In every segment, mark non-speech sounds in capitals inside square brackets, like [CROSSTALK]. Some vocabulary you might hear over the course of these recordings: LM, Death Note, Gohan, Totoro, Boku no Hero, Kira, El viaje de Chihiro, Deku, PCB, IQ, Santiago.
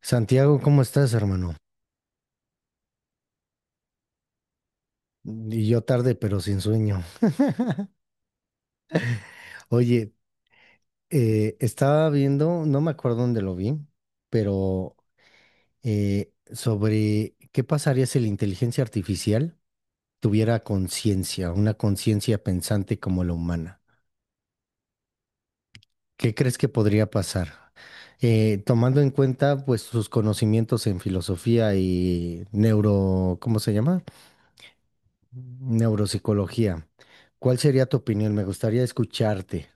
Santiago, ¿cómo estás, hermano? Y yo tarde, pero sin sueño. Oye, estaba viendo, no me acuerdo dónde lo vi, pero sobre qué pasaría si la inteligencia artificial tuviera conciencia, una conciencia pensante como la humana. ¿Qué crees que podría pasar? Tomando en cuenta, pues, sus conocimientos en filosofía y neuro, ¿cómo se llama? Neuropsicología. ¿Cuál sería tu opinión? Me gustaría escucharte.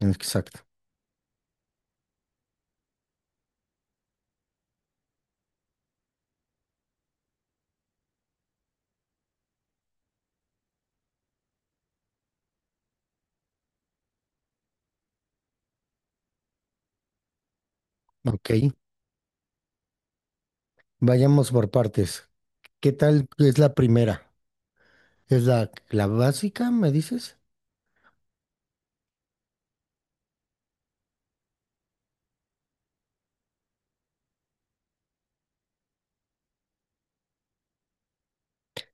Exacto. Ok, vayamos por partes. ¿Qué tal es la primera? ¿Es la básica, me dices?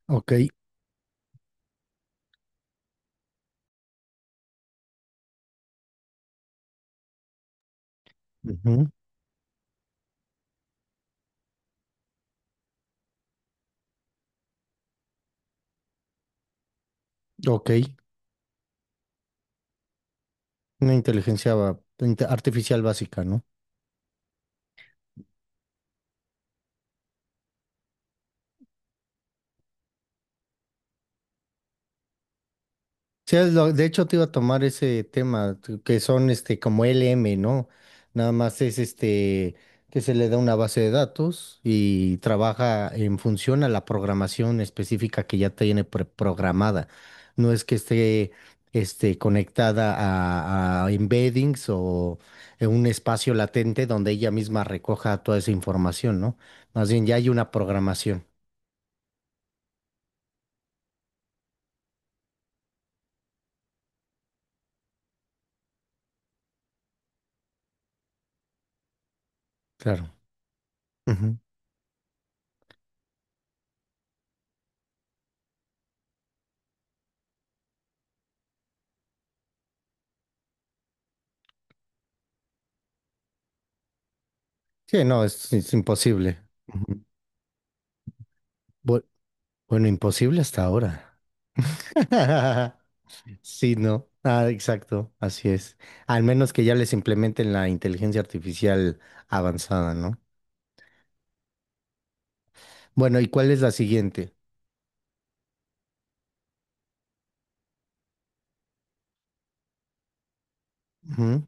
Ok, ujú, ok, una inteligencia artificial básica, ¿no? Sí, de hecho te iba a tomar ese tema, que son este como LM, ¿no? Nada más es este que se le da una base de datos y trabaja en función a la programación específica que ya tiene pre- programada. No es que esté este, conectada a embeddings o en un espacio latente donde ella misma recoja toda esa información, ¿no? Más bien ya hay una programación. Claro. Ujú. Sí, no, es imposible. Ujú. Bueno, imposible hasta ahora. [LAUGHS] Sí, no. Ah, exacto, así es. Al menos que ya les implementen la inteligencia artificial avanzada, ¿no? Bueno, ¿y cuál es la siguiente? Ujú,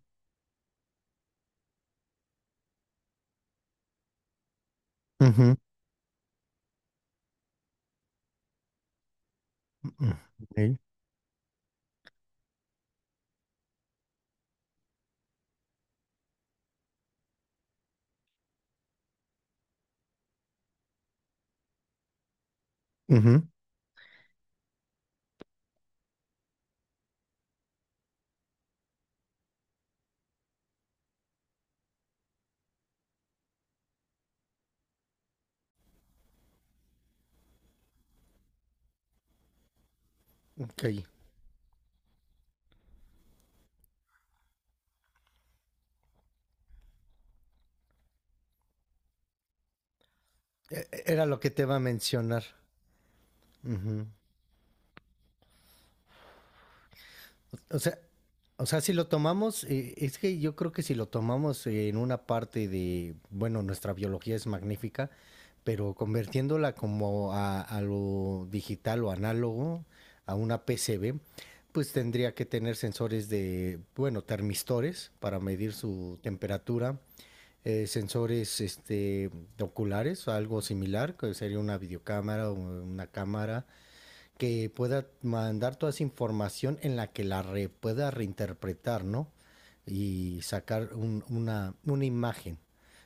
ujú, ujú, ok, ujú. Ok, era lo que te va a mencionar. Ujú. O sea, si lo tomamos, es que yo creo que si lo tomamos en una parte de, bueno, nuestra biología es magnífica, pero convirtiéndola como a lo digital o análogo, a una PCB, pues tendría que tener sensores de, bueno, termistores para medir su temperatura, sensores este, oculares, algo similar, que sería una videocámara o una cámara, que pueda mandar toda esa información en la que la pueda reinterpretar, ¿no? Y sacar una imagen,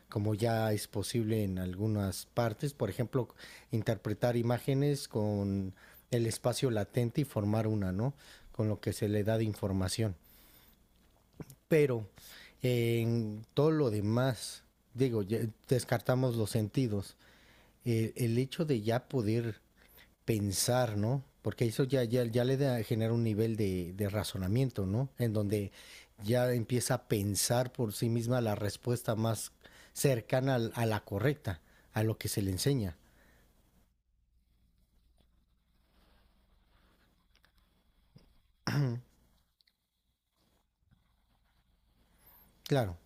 como ya es posible en algunas partes, por ejemplo, interpretar imágenes con el espacio latente y formar una, ¿no? Con lo que se le da de información. Pero en todo lo demás, digo, ya descartamos los sentidos. El hecho de ya poder pensar, ¿no? Porque eso ya le da, genera un nivel de razonamiento, ¿no? En donde ya empieza a pensar por sí misma la respuesta más cercana a la correcta, a lo que se le enseña. Claro,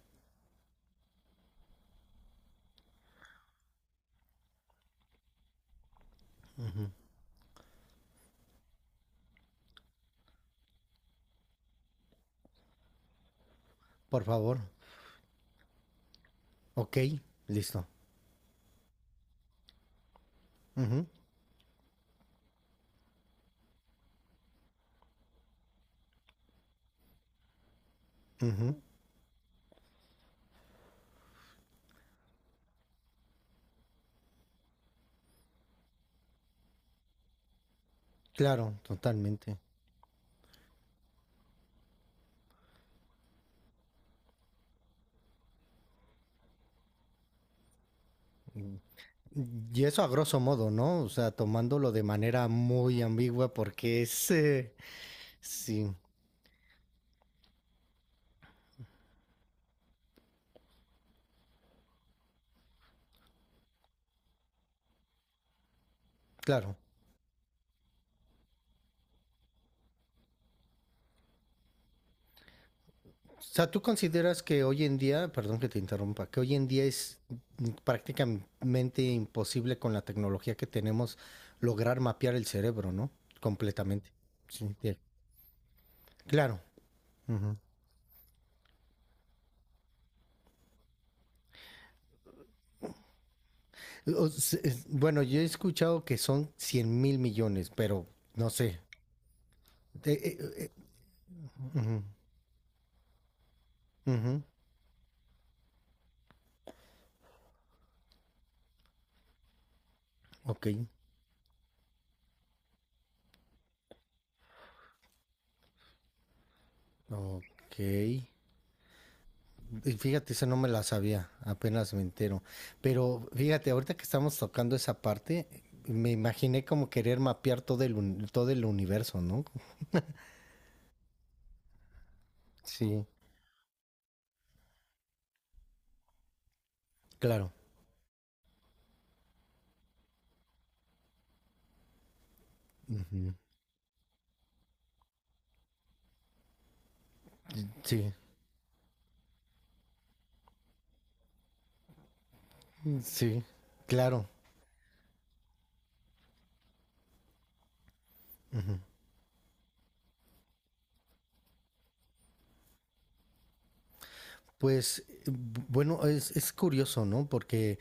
por favor. Ok, listo. Ujú, ujú. Claro, totalmente. Y eso a grosso modo, ¿no? O sea, tomándolo de manera muy ambigua porque sí, claro. O sea, ¿tú consideras que hoy en día, perdón que te interrumpa, que hoy en día es prácticamente imposible con la tecnología que tenemos lograr mapear el cerebro, ¿no? Completamente. Sí, bien. Claro. Ujú. Bueno, yo he escuchado que son 100.000 millones, pero no sé. Eh, eh, eh, ujú, ujú. Ok, ok. Y fíjate, eso no me la sabía, apenas me entero. Pero fíjate, ahorita que estamos tocando esa parte, me imaginé como querer mapear todo el universo, ¿no? Sí, claro. Ujú. Sí, sí, claro. Ujú. Pues bueno, es curioso, ¿no? Porque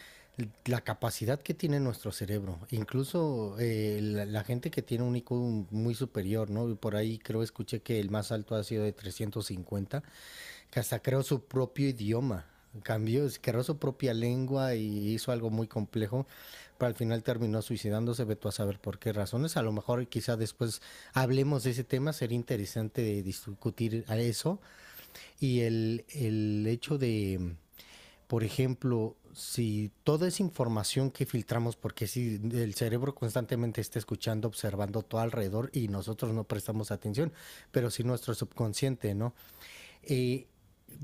la capacidad que tiene nuestro cerebro, incluso la gente que tiene un IQ muy superior, ¿no? Por ahí creo escuché que el más alto ha sido de 350 que hasta creó su propio idioma. Cambió, creó su propia lengua y hizo algo muy complejo, pero al final terminó suicidándose, veto a saber por qué razones. A lo mejor quizá después hablemos de ese tema, sería interesante de discutir a eso. Y el hecho de, por ejemplo, si toda esa información que filtramos, porque si el cerebro constantemente está escuchando, observando todo alrededor y nosotros no prestamos atención, pero si nuestro subconsciente, ¿no? Eh,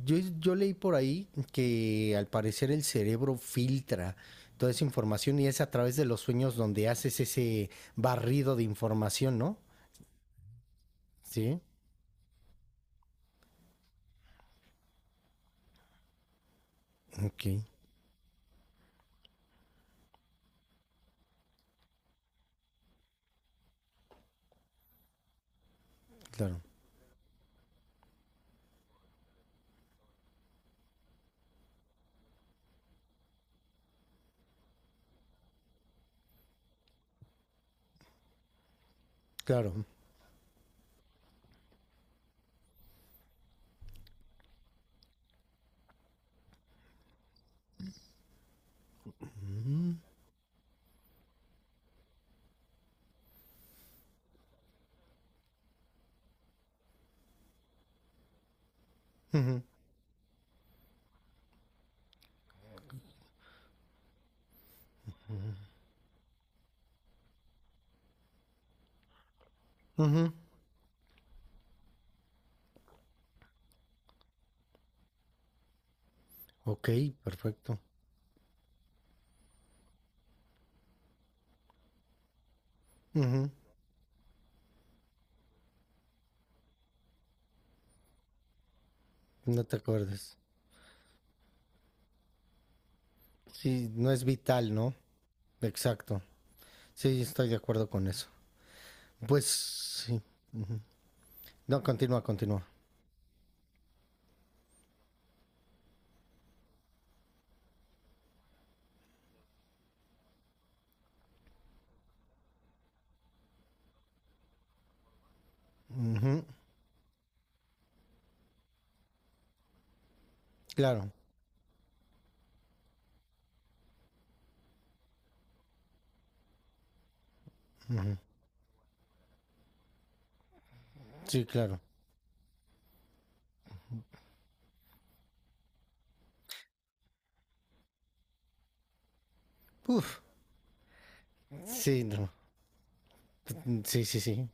yo leí por ahí que al parecer el cerebro filtra toda esa información y es a través de los sueños donde haces ese barrido de información, ¿no? Sí, ok, claro, claro. Mm, ujú, ujú. Ok, perfecto. Ujú, no te acuerdes. Sí, no es vital, ¿no? Exacto. Sí, estoy de acuerdo con eso. Pues sí. Ujú. No, continúa, continúa. Ujú, claro, sí, claro. Uf, sí, no. Mm, sí, sí, sí,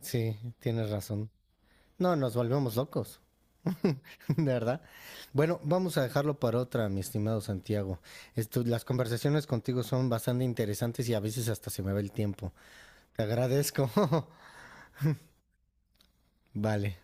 sí, tienes razón. No, nos volvemos locos, [LAUGHS] de verdad. Bueno, vamos a dejarlo para otra, mi estimado Santiago. Las conversaciones contigo son bastante interesantes y a veces hasta se me va el tiempo. Te agradezco. [LAUGHS] Vale.